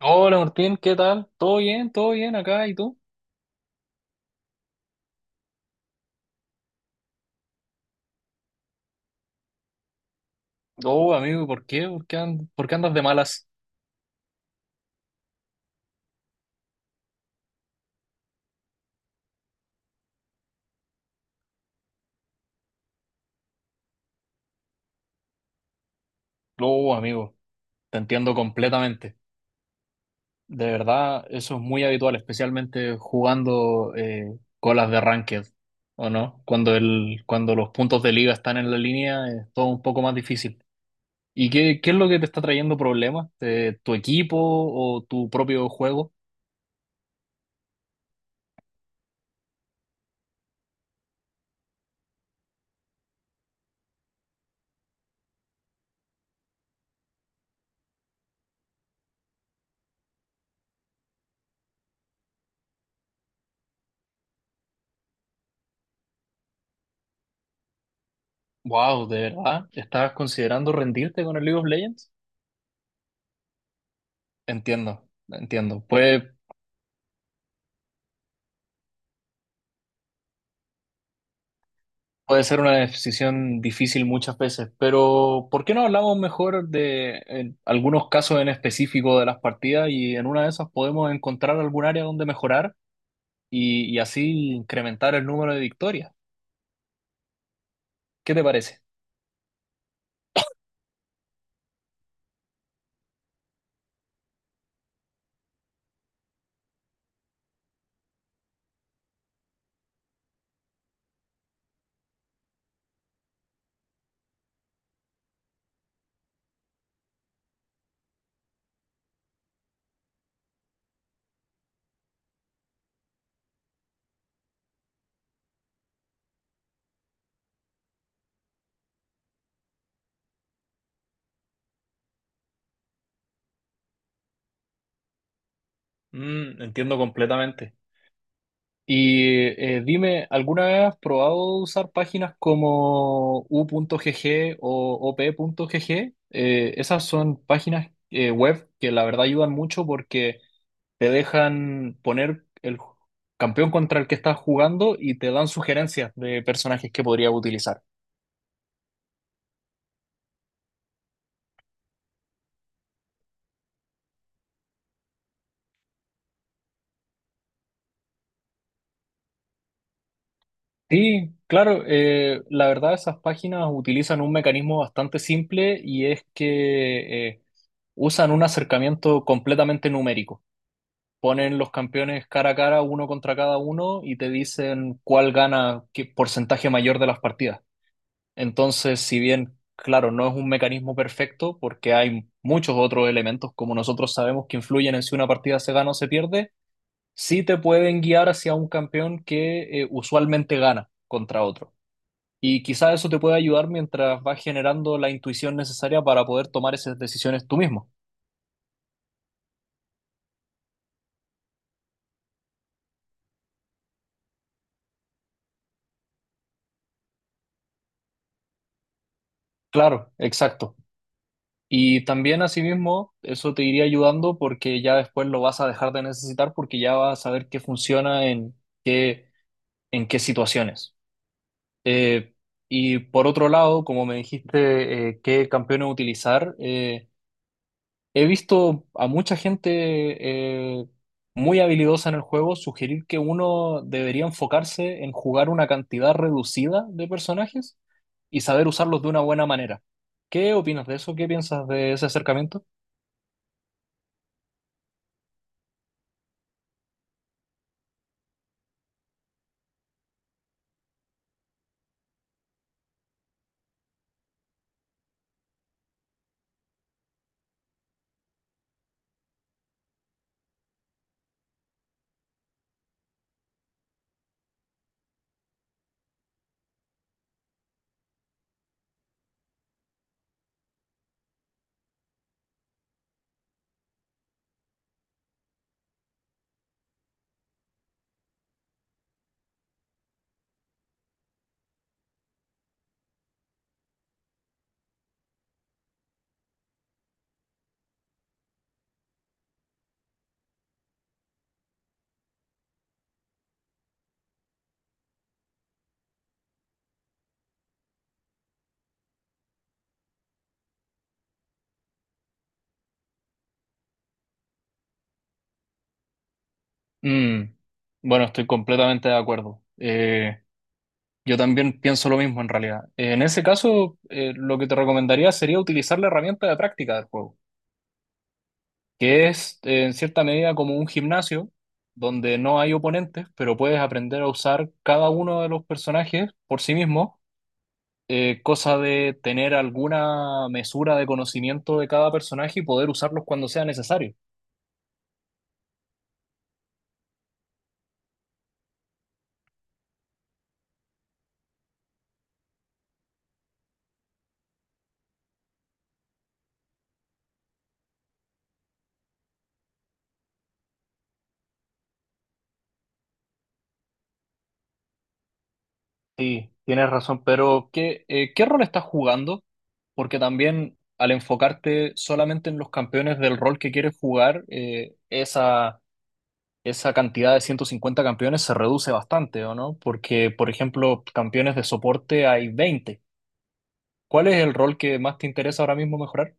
Hola Martín, ¿qué tal? ¿Todo bien? ¿Todo bien acá? ¿Y tú? Oh, amigo, ¿por qué? ¿Por qué andas de malas? Oh, amigo, te entiendo completamente. De verdad, eso es muy habitual, especialmente jugando colas de ranked, ¿o no? Cuando los puntos de liga están en la línea, es todo un poco más difícil. ¿Y qué es lo que te está trayendo problemas? ¿Tu equipo o tu propio juego? Wow, ¿de verdad? ¿Estás considerando rendirte con el League of Legends? Entiendo, entiendo. Puede ser una decisión difícil muchas veces, pero ¿por qué no hablamos mejor de algunos casos en específico de las partidas y en una de esas podemos encontrar algún área donde mejorar y así incrementar el número de victorias? ¿Qué te parece? Entiendo completamente. Y dime, ¿alguna vez has probado usar páginas como u.gg o op.gg? Esas son páginas web que la verdad ayudan mucho porque te dejan poner el campeón contra el que estás jugando y te dan sugerencias de personajes que podrías utilizar. Sí, claro, la verdad esas páginas utilizan un mecanismo bastante simple y es que usan un acercamiento completamente numérico. Ponen los campeones cara a cara, uno contra cada uno, y te dicen cuál gana qué porcentaje mayor de las partidas. Entonces, si bien, claro, no es un mecanismo perfecto porque hay muchos otros elementos, como nosotros sabemos, que influyen en si una partida se gana o se pierde, sí te pueden guiar hacia un campeón que usualmente gana contra otro. Y quizás eso te puede ayudar mientras vas generando la intuición necesaria para poder tomar esas decisiones tú mismo. Claro, exacto. Y también asimismo, eso te iría ayudando porque ya después lo vas a dejar de necesitar porque ya vas a saber qué funciona en qué, qué situaciones. Eh, y por otro lado, como me dijiste, qué campeones utilizar, he visto a mucha gente muy habilidosa en el juego sugerir que uno debería enfocarse en jugar una cantidad reducida de personajes y saber usarlos de una buena manera. ¿Qué opinas de eso? ¿Qué piensas de ese acercamiento? Mm, Bueno, estoy completamente de acuerdo. Yo también pienso lo mismo en realidad. En ese caso, lo que te recomendaría sería utilizar la herramienta de práctica del juego, que es en cierta medida como un gimnasio donde no hay oponentes, pero puedes aprender a usar cada uno de los personajes por sí mismo, cosa de tener alguna mesura de conocimiento de cada personaje y poder usarlos cuando sea necesario. Sí, tienes razón, pero ¿qué rol estás jugando? Porque también al enfocarte solamente en los campeones del rol que quieres jugar, esa cantidad de 150 campeones se reduce bastante, ¿o no? Porque, por ejemplo, campeones de soporte hay 20. ¿Cuál es el rol que más te interesa ahora mismo mejorar?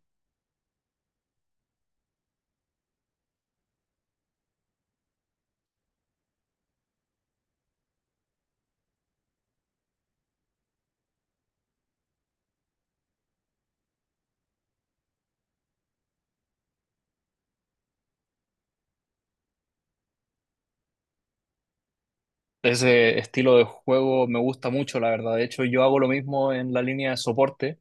Ese estilo de juego me gusta mucho, la verdad. De hecho, yo hago lo mismo en la línea de soporte.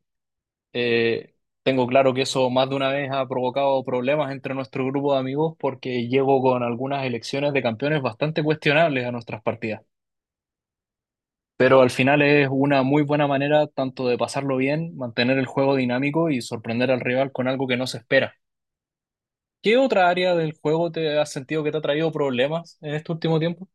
Eh, tengo claro que eso más de una vez ha provocado problemas entre nuestro grupo de amigos porque llego con algunas elecciones de campeones bastante cuestionables a nuestras partidas. Pero al final es una muy buena manera tanto de pasarlo bien, mantener el juego dinámico y sorprender al rival con algo que no se espera. ¿Qué otra área del juego te has sentido que te ha traído problemas en este último tiempo?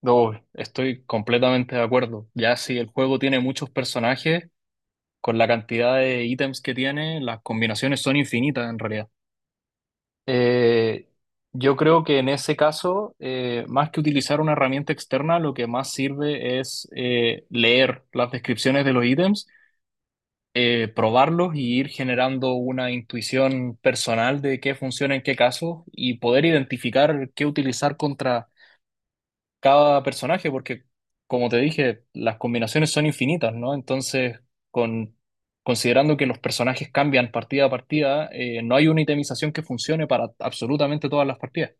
No, estoy completamente de acuerdo. Ya si el juego tiene muchos personajes, con la cantidad de ítems que tiene, las combinaciones son infinitas en realidad. Eh, yo creo que en ese caso, más que utilizar una herramienta externa, lo que más sirve es leer las descripciones de los ítems, probarlos y ir generando una intuición personal de qué funciona en qué caso y poder identificar qué utilizar contra cada personaje, porque como te dije, las combinaciones son infinitas, ¿no? Entonces, con... Considerando que los personajes cambian partida a partida, no hay una itemización que funcione para absolutamente todas las partidas.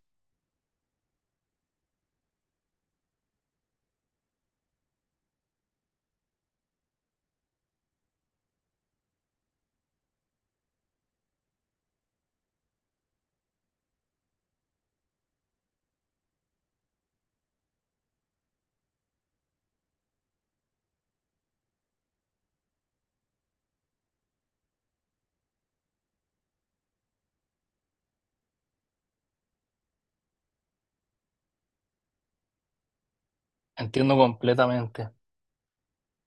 Entiendo completamente.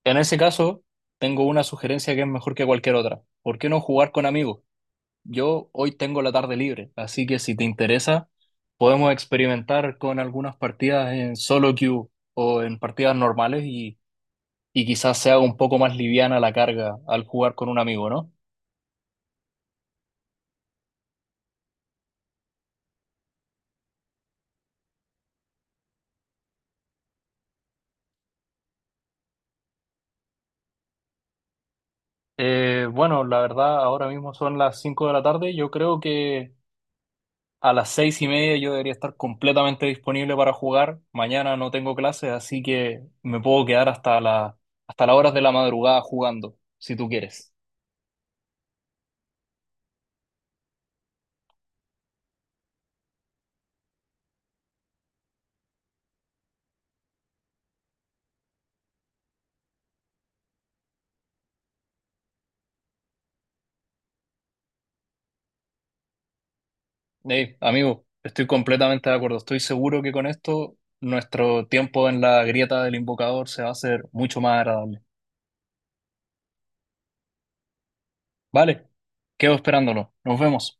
En ese caso, tengo una sugerencia que es mejor que cualquier otra. ¿Por qué no jugar con amigos? Yo hoy tengo la tarde libre, así que si te interesa, podemos experimentar con algunas partidas en solo queue o en partidas normales y quizás sea un poco más liviana la carga al jugar con un amigo, ¿no? Bueno, la verdad, ahora mismo son las 5 de la tarde. Yo creo que a las 6:30 yo debería estar completamente disponible para jugar. Mañana no tengo clases, así que me puedo quedar hasta las horas de la madrugada jugando, si tú quieres. Hey, amigo, estoy completamente de acuerdo. Estoy seguro que con esto nuestro tiempo en la grieta del invocador se va a hacer mucho más agradable. Vale, quedo esperándolo. Nos vemos.